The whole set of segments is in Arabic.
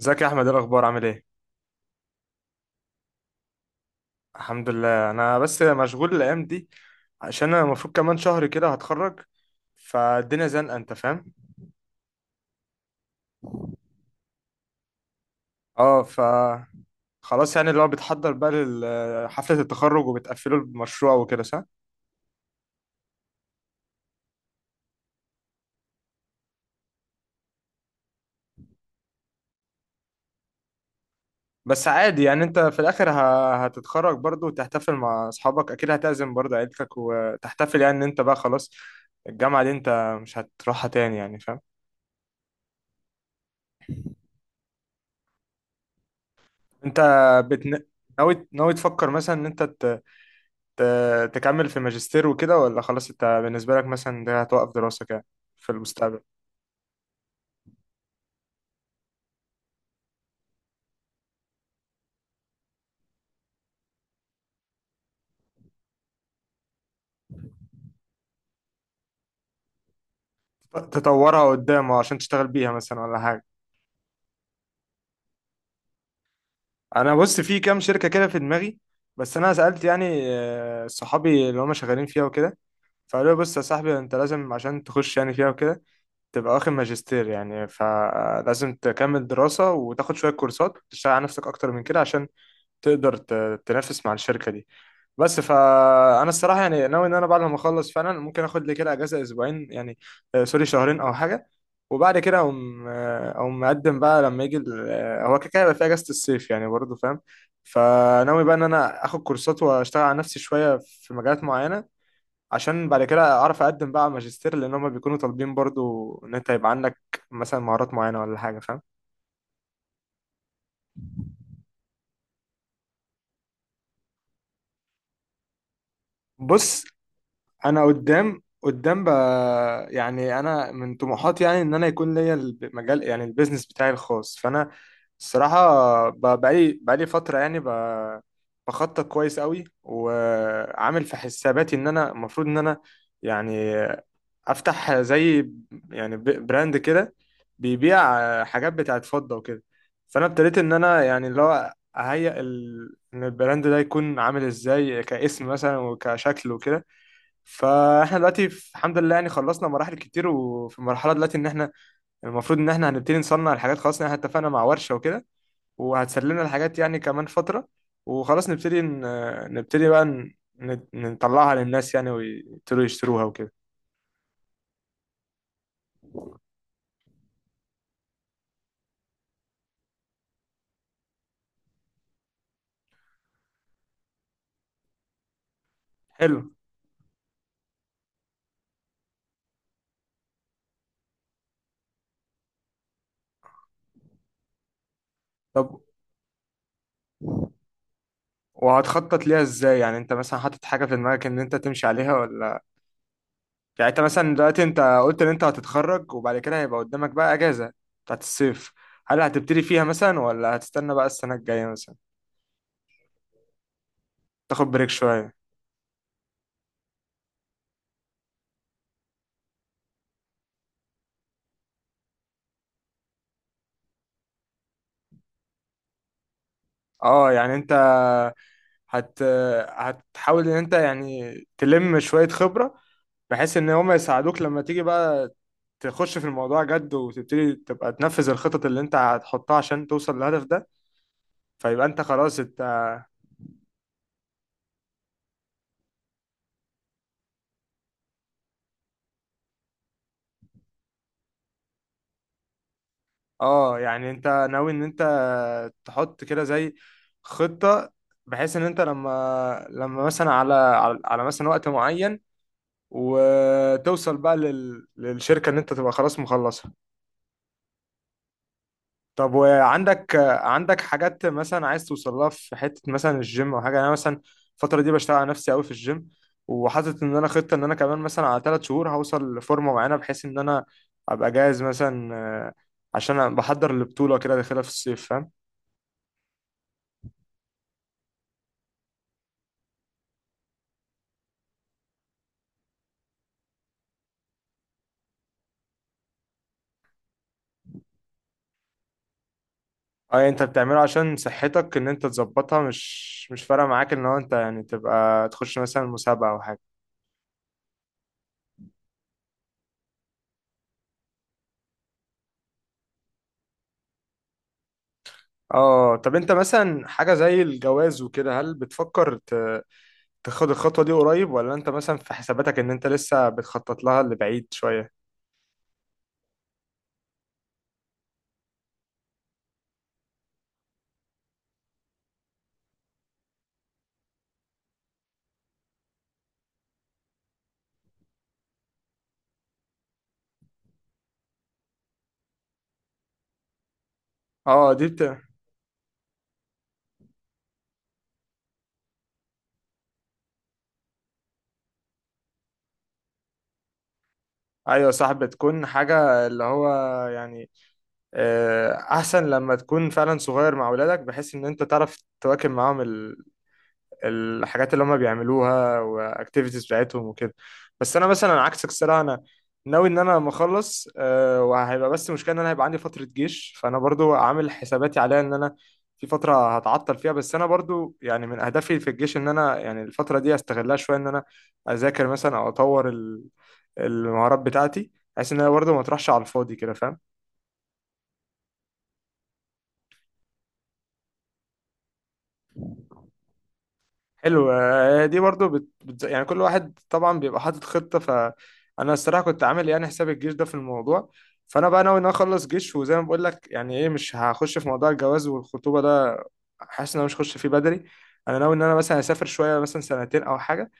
ازيك يا احمد، ايه الاخبار، عامل ايه؟ الحمد لله. انا بس مشغول الايام دي عشان انا المفروض كمان شهر كده هتخرج، فالدنيا زنقه، انت فاهم. اه ف خلاص، يعني اللي هو بتحضر بقى لحفله التخرج وبتقفله المشروع وكده، صح؟ بس عادي، يعني انت في الاخر هتتخرج برضه وتحتفل مع اصحابك، اكيد هتعزم برضه عيلتك وتحتفل، يعني ان انت بقى خلاص الجامعه دي انت مش هتروحها تاني، يعني فاهم. انت بتن... ناوي تفكر مثلا ان انت تكمل في ماجستير وكده، ولا خلاص انت بالنسبة لك مثلا ده هتوقف دراستك يعني في المستقبل؟ تطورها قدام عشان تشتغل بيها مثلا، ولا حاجة؟ انا بص، في كام شركة كده في دماغي، بس انا سألت يعني صحابي اللي هم شغالين فيها وكده، فقالوا لي بص يا صاحبي، انت لازم عشان تخش يعني فيها وكده تبقى واخد ماجستير، يعني فلازم تكمل دراسة وتاخد شوية كورسات، تشتغل على نفسك اكتر من كده عشان تقدر تنافس مع الشركة دي. بس فانا الصراحه يعني ناوي ان انا بعد ما اخلص فعلا ممكن اخد لي كده اجازه اسبوعين، يعني سوري شهرين او حاجه. وبعد كده اقوم مقدم بقى لما يجي هو كده كده هيبقى في اجازه الصيف يعني برضه، فاهم. فناوي بقى ان انا اخد كورسات واشتغل على نفسي شويه في مجالات معينه، عشان بعد كده اعرف اقدم بقى على ماجستير، لان هم بيكونوا طالبين برضه ان انت يبقى عندك مثلا مهارات معينه ولا حاجه، فاهم. بص، انا قدام بقى، يعني انا من طموحاتي يعني ان انا يكون ليا المجال، يعني البيزنس بتاعي الخاص. فانا الصراحه بقالي فتره يعني بخطط كويس قوي، وعامل في حساباتي ان انا المفروض ان انا يعني افتح زي يعني براند كده، بيبيع حاجات بتاعت فضه وكده. فانا ابتديت ان انا يعني اللي هو اهيئ ان البراند ده يكون عامل ازاي، كاسم مثلا وكشكل وكده. فاحنا دلوقتي الحمد لله يعني خلصنا مراحل كتير، وفي مرحله دلوقتي ان احنا المفروض ان احنا هنبتدي نصنع الحاجات خلاص، ان احنا اتفقنا مع ورشه وكده، وهتسلمنا الحاجات يعني كمان فتره. وخلاص نبتدي ن... نبتدي بقى ن... ن- نطلعها للناس يعني ويبتدوا يشتروها وكده. حلو. طب وهتخطط ليها ازاي يعني؟ انت مثلا حاطط حاجه في دماغك ان انت تمشي عليها، ولا يعني انت مثلا دلوقتي انت قلت ان انت هتتخرج، وبعد كده هيبقى قدامك بقى اجازه بتاعت الصيف، هل هتبتدي فيها مثلا ولا هتستنى بقى السنه الجايه مثلا؟ تاخد بريك شوية. اه، يعني انت هت هتحاول ان انت يعني تلم شوية خبرة، بحيث ان هم يساعدوك لما تيجي بقى تخش في الموضوع جد، وتبتدي تبقى تنفذ الخطط اللي انت هتحطها عشان توصل للهدف ده، فيبقى انت خلاص انت. اه، يعني انت ناوي ان انت تحط كده زي خطة، بحيث ان انت لما مثلا على مثلا وقت معين، وتوصل بقى للشركة ان انت تبقى خلاص مخلصة. طب عندك حاجات مثلا عايز توصل لها في حتة مثلا الجيم او حاجة؟ يعني انا مثلا الفترة دي بشتغل على نفسي قوي في الجيم، وحاطط ان انا خطة ان انا كمان مثلا على 3 شهور هوصل لفورمة معينة، بحيث ان انا ابقى جاهز مثلا، عشان أنا بحضر البطولة كده داخلها في الصيف، فاهم. اه، يعني انت بتعمله عشان صحتك ان انت تظبطها، مش فارقة معاك ان هو انت يعني تبقى تخش مثلا مسابقة او حاجة. اه، طب انت مثلا حاجة زي الجواز وكده، هل بتفكر تاخد الخطوة دي قريب، ولا انت مثلا في حساباتك ان انت لسه بتخطط لها لبعيد شوية؟ اه دي بت... ايوه، صح. بتكون حاجة اللي هو يعني احسن لما تكون فعلا صغير مع ولادك، بحيث ان انت تعرف تواكب معاهم الحاجات اللي هم بيعملوها واكتيفيتيز بتاعتهم وكده. بس انا مثلا عكسك، الصراحه انا ناوي ان انا لما اخلص وهيبقى بس مشكله ان انا هيبقى عندي فتره جيش، فانا برضو عامل حساباتي عليها ان انا في فتره هتعطل فيها. بس انا برضو يعني من اهدافي في الجيش ان انا يعني الفتره دي استغلها شويه، ان انا اذاكر مثلا او اطور المهارات بتاعتي، بحيث ان انا برضو ما تروحش على الفاضي كده، فاهم. حلو. آه، دي برضو بت... بت... يعني كل واحد طبعا بيبقى حاطط خطة، فأنا الصراحة كنت عامل يعني حساب الجيش ده في الموضوع، فأنا بقى ناوي إن أنا أخلص جيش. وزي ما بقول لك يعني إيه، مش هخش في موضوع الجواز والخطوبة ده، حاسس إن أنا مش هخش فيه بدري. أنا ناوي إن أنا مثلا أسافر شوية، مثلا سنتين أو حاجة،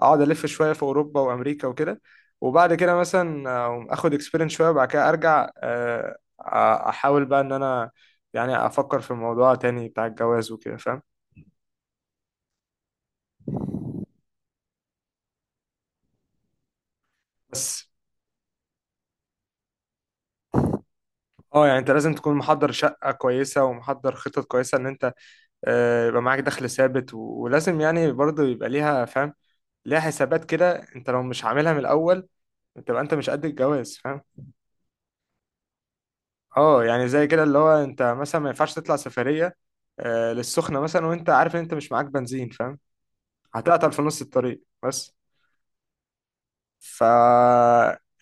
أقعد ألف شوية في أوروبا وأمريكا وكده، وبعد كده مثلا آخد إكسبيرينس شوية، وبعد كده أ- أحاول بقى إن أنا يعني أفكر في الموضوع تاني بتاع الجواز وكده، فاهم. بس اه يعني انت لازم تكون محضر شقة كويسة ومحضر خطط كويسة ان انت، يبقى معاك دخل ثابت، ولازم يعني برضه يبقى ليها، فاهم، ليها حسابات كده. انت لو مش عاملها من الاول تبقى انت مش قد الجواز، فاهم. اه، يعني زي كده اللي هو انت مثلا ما ينفعش تطلع سفرية، للسخنة مثلا، وانت عارف ان انت مش معاك بنزين، فاهم، هتعطل في نص الطريق بس. ف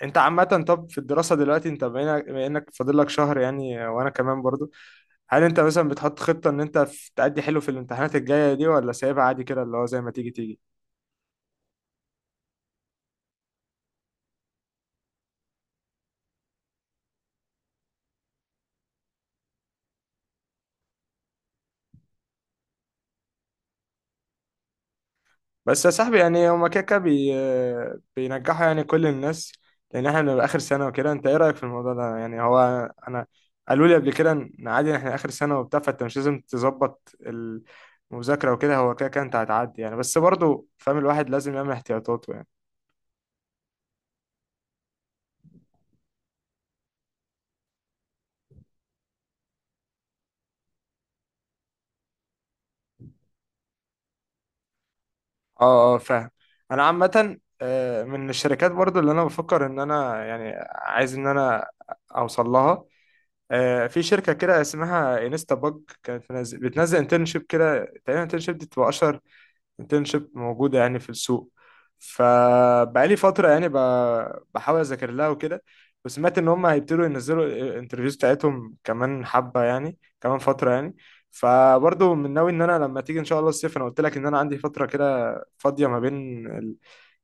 انت عامة، طب في الدراسة دلوقتي انت بما إنك فاضل لك شهر يعني، وانا كمان برضه، هل انت مثلا بتحط خطة ان انت تأدي حلو في الامتحانات الجاية دي، ولا سايبها عادي كده اللي هو زي ما تيجي تيجي؟ بس يا صاحبي، يعني هما كده كده بينجحوا يعني كل الناس، لان احنا بنبقى اخر سنة وكده. انت ايه رأيك في الموضوع ده؟ يعني هو انا قالوا لي قبل كده ان عادي احنا اخر سنة وبتاع، فانت مش لازم تظبط المذاكرة وكده، هو كده كده انت هتعدي يعني، بس برضه فاهم الواحد لازم يعمل احتياطاته يعني. اه اه، فاهم. انا عامة من الشركات برضو اللي انا بفكر ان انا يعني عايز ان انا اوصل لها، في شركة كده اسمها انستا باج، كانت بتنزل انترنشيب كده، تقريبا انترنشيب دي بتبقى أشهر انترنشيب موجودة يعني في السوق. فبقالي فترة يعني بحاول أذاكر لها وكده. وسمعت إن هم هيبتدوا ينزلوا الانترفيوز بتاعتهم كمان حبة، يعني كمان فترة يعني، فبرضه من ناوي إن أنا لما تيجي إن شاء الله الصيف، أنا قلت لك إن أنا عندي فترة كده فاضية ما بين،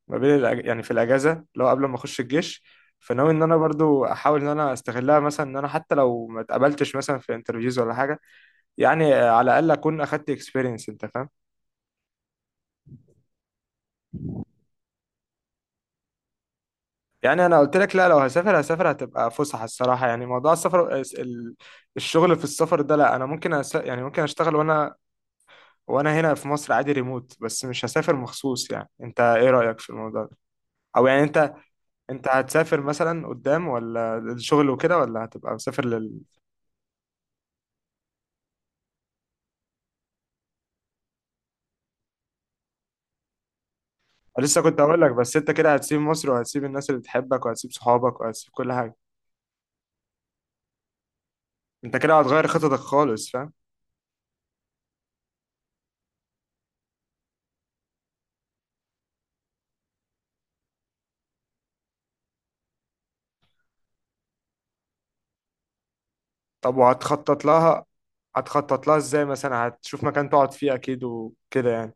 يعني في الاجازه، لو قبل ما اخش الجيش. فناوي ان انا برضو احاول ان انا استغلها مثلا، ان انا حتى لو ما اتقبلتش مثلا في انترفيوز ولا حاجه، يعني على الاقل اكون اخدت اكسبيرينس، انت فاهم. يعني انا قلت لك، لا، لو هسافر هسافر هتبقى فسحه الصراحه. يعني موضوع السفر الشغل في السفر ده، لا، انا ممكن يعني ممكن اشتغل وانا هنا في مصر عادي، ريموت، بس مش هسافر مخصوص. يعني انت ايه رايك في الموضوع ده؟ او يعني انت هتسافر مثلا قدام، ولا الشغل وكده، ولا هتبقى مسافر؟ لسه كنت هقول لك، بس انت كده هتسيب مصر وهتسيب الناس اللي بتحبك وهتسيب صحابك وهتسيب كل حاجة، انت كده هتغير خططك خالص، فاهم. طب وهتخطط لها هتخطط لها ازاي؟ مثلا هتشوف مكان تقعد فيه اكيد وكده يعني.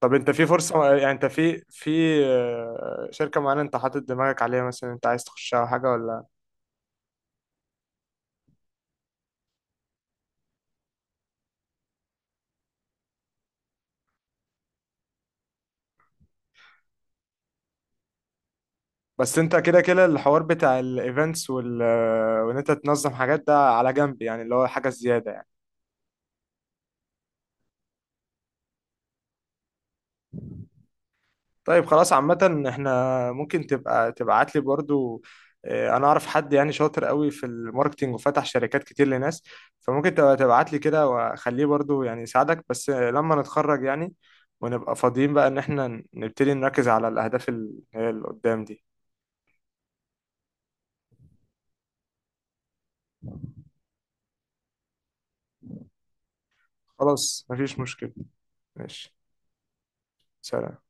طب انت في فرصة، يعني انت في شركة معينة انت حاطط دماغك عليها مثلا، انت عايز تخشها او حاجة، ولا؟ بس انت كده كده الحوار بتاع الايفنتس وال آه، وان انت تنظم حاجات ده على جنب، يعني اللي هو حاجة زيادة يعني. طيب خلاص، عامة احنا ممكن تبقى تبعت لي برضو، اه، انا اعرف حد يعني شاطر قوي في الماركتينج وفتح شركات كتير لناس، فممكن تبقى تبعت لي كده واخليه برضو يعني يساعدك. بس لما نتخرج يعني ونبقى فاضيين بقى ان احنا نبتدي نركز على الاهداف اللي قدام دي. خلاص مفيش مشكلة، ماشي، سلام.